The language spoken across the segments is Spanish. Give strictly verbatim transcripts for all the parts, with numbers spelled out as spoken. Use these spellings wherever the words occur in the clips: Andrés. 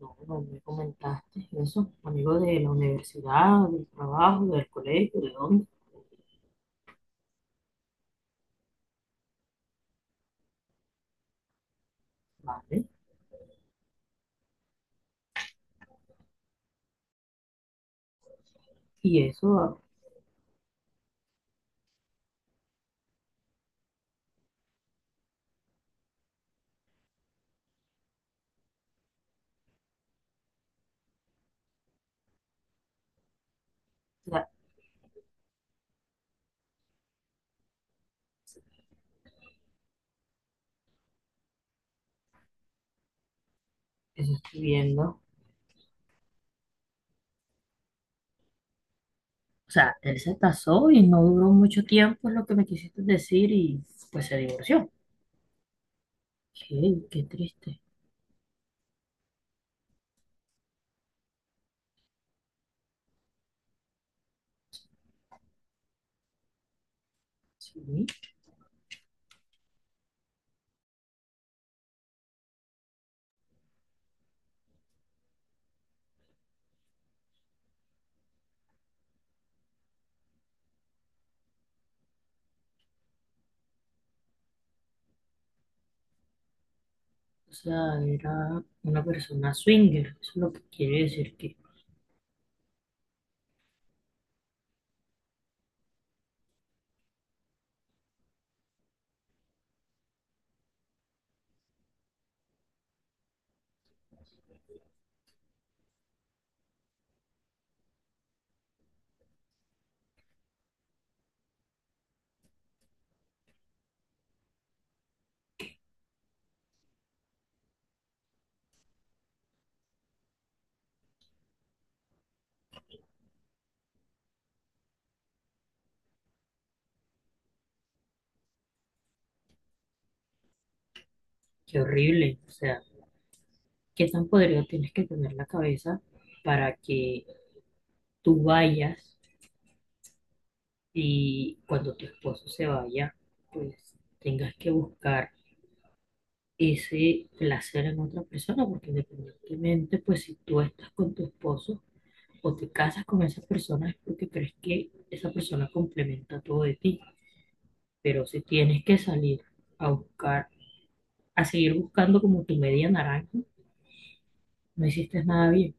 No, no no me comentaste eso, amigo de la universidad, del trabajo, del colegio, ¿de dónde? Vale. Y eso, ah, o sea, eso estoy viendo. O sea, él se casó y no duró mucho tiempo, es lo que me quisiste decir, y pues se divorció. Qué, qué triste. Sí, o sea, era una persona swinger, eso es lo que quiere decir que, qué horrible. O sea, qué tan podrido tienes que tener la cabeza para que tú vayas. Y cuando tu esposo se vaya, pues tengas que buscar ese placer en otra persona, porque independientemente, pues si tú estás con tu esposo o te casas con esa persona es porque crees que esa persona complementa todo de ti, pero si tienes que salir a buscar, a seguir buscando como tu media naranja, no hiciste nada bien.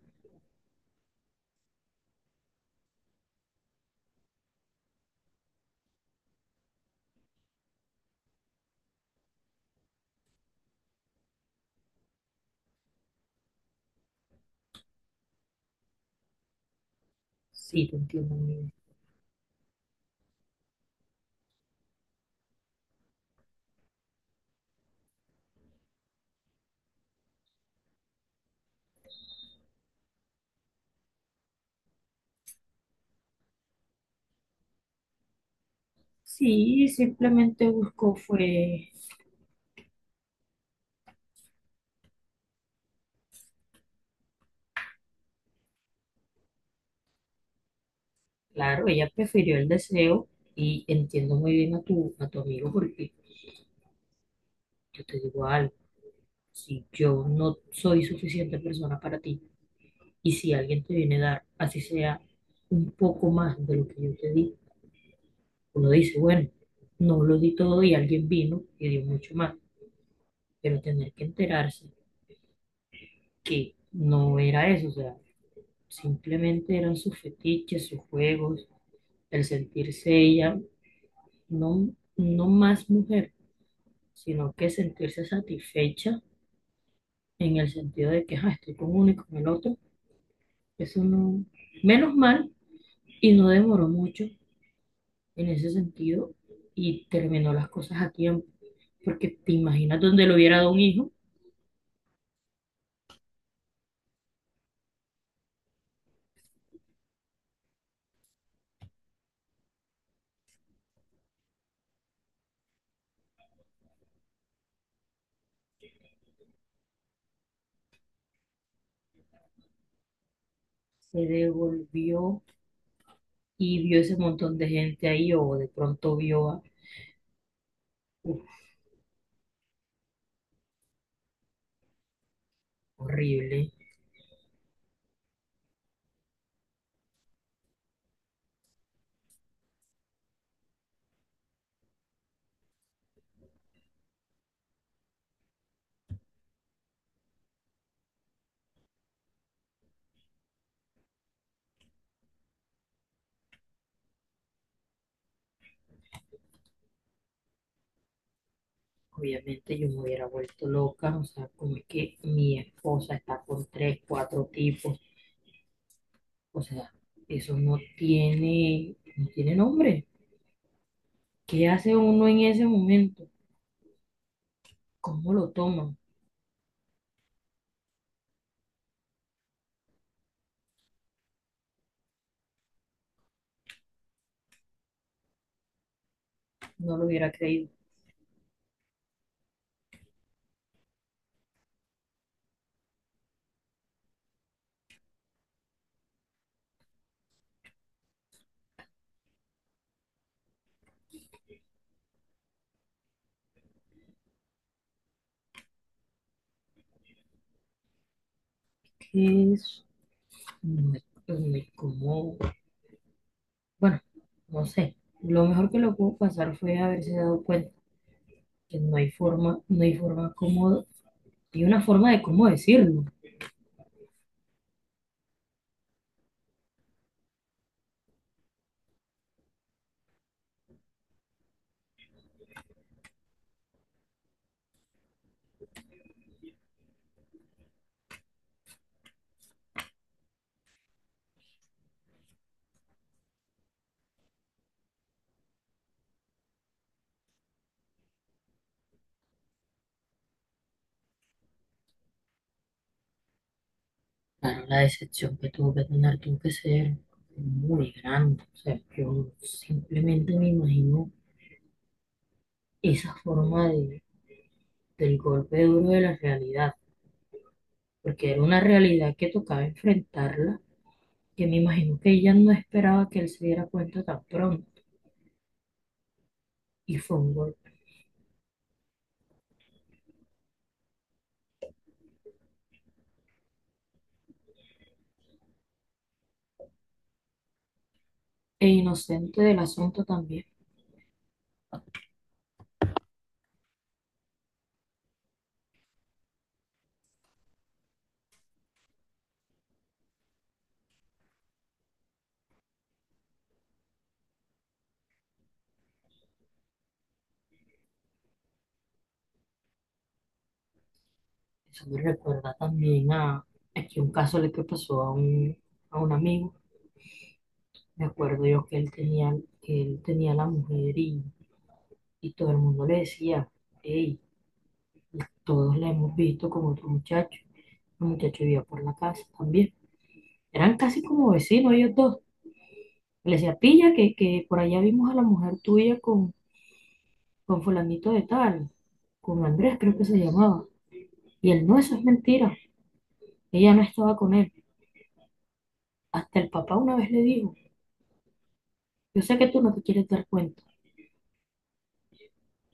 Sí, te entiendo muy bien. Sí, simplemente busco fue. Claro, ella prefirió el deseo y entiendo muy bien a tu, a tu amigo porque yo te digo algo, si yo no soy suficiente persona para ti y si alguien te viene a dar, así sea un poco más de lo que yo te di, uno dice, bueno, no lo di todo y alguien vino y dio mucho más, pero tener que enterarse que no era eso, o sea, simplemente eran sus fetiches, sus juegos, el sentirse ella, no, no más mujer sino que sentirse satisfecha en el sentido de que "Ah, estoy con uno y con el otro. Eso no, menos mal, y no demoró mucho en ese sentido y terminó las cosas a tiempo, porque te imaginas donde lo hubiera dado un hijo, se devolvió y vio ese montón de gente ahí o de pronto vio a, uf, horrible. Obviamente yo me hubiera vuelto loca, o sea, como es que mi esposa está con tres, cuatro tipos. O sea, eso no tiene, no tiene nombre. ¿Qué hace uno en ese momento? ¿Cómo lo toma? No lo hubiera creído. ¿Qué es? No es, no es como, bueno, no sé. Lo mejor que lo pudo pasar fue haberse dado cuenta que no hay forma, no hay forma cómo, hay una forma de cómo decirlo. Claro, la decepción que tuvo que tener tuvo que ser muy grande. O sea, yo simplemente me imagino esa forma de del golpe duro de la realidad, porque era una realidad que tocaba enfrentarla, que me imagino que ella no esperaba que él se diera cuenta tan pronto, y fue un golpe. E inocente del asunto también. Eso me recuerda también a aquí un caso le que pasó a un, a un amigo. Me acuerdo yo que él tenía, que él tenía la mujer y, y todo el mundo le decía, hey, todos la hemos visto con otro muchacho. El muchacho vivía por la casa también. Eran casi como vecinos ellos dos. Le decía, pilla, que, que por allá vimos a la mujer tuya con, con fulanito de tal, con Andrés creo que se llamaba. Y él, no, eso es mentira, ella no estaba con él. Hasta el papá una vez le dijo, yo sé que tú no te quieres dar cuenta.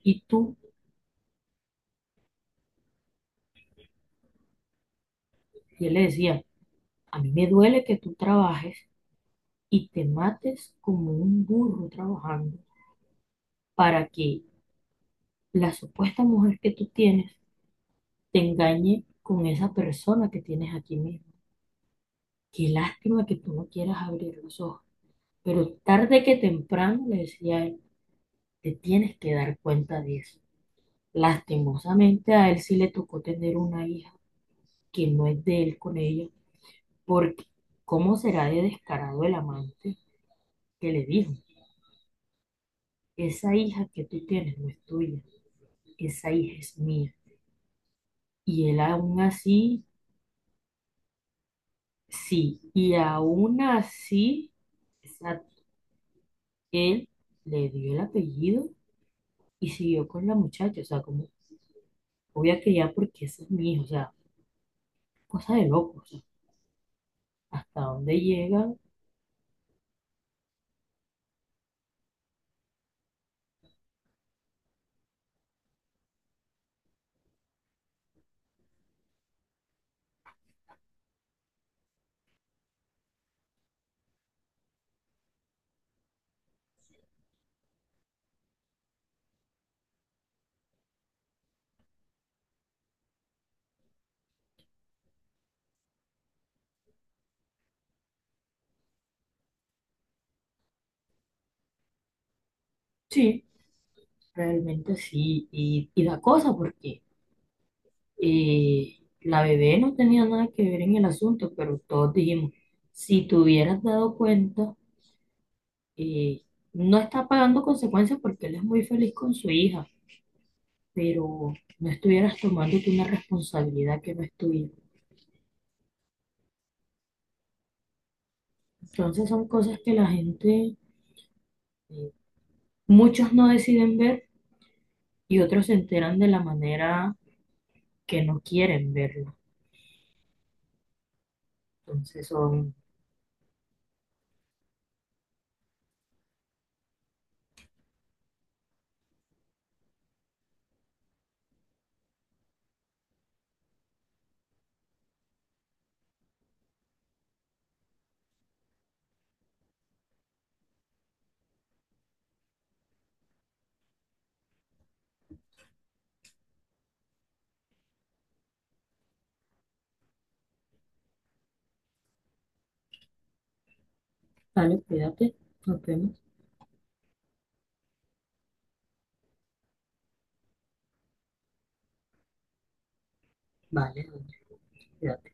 Y tú, y él le decía, a mí me duele que tú trabajes y te mates como un burro trabajando para que la supuesta mujer que tú tienes te engañe con esa persona que tienes aquí mismo. Qué lástima que tú no quieras abrir los ojos. Pero tarde que temprano, le decía él, te tienes que dar cuenta de eso. Lastimosamente a él sí le tocó tener una hija que no es de él con ella, porque ¿cómo será de descarado el amante que le dijo, esa hija que tú tienes no es tuya, esa hija es mía? Y él aún así, sí, y aún así, esa- él le dio el apellido y siguió con la muchacha, o sea, como voy a criar porque esa es mi hija, o sea, cosa de locos. Hasta dónde llegan, sí, realmente sí, y, y da cosa porque eh, la bebé no tenía nada que ver en el asunto, pero todos dijimos, si te hubieras dado cuenta, eh, no está pagando consecuencias porque él es muy feliz con su hija, pero no estuvieras tomándote una responsabilidad que no es tuya. Entonces son cosas que la gente, eh, muchos no deciden ver y otros se enteran de la manera que no quieren verlo. Entonces son. Vale, cuídate. Nos vemos. Vale, Andrés, cuídate.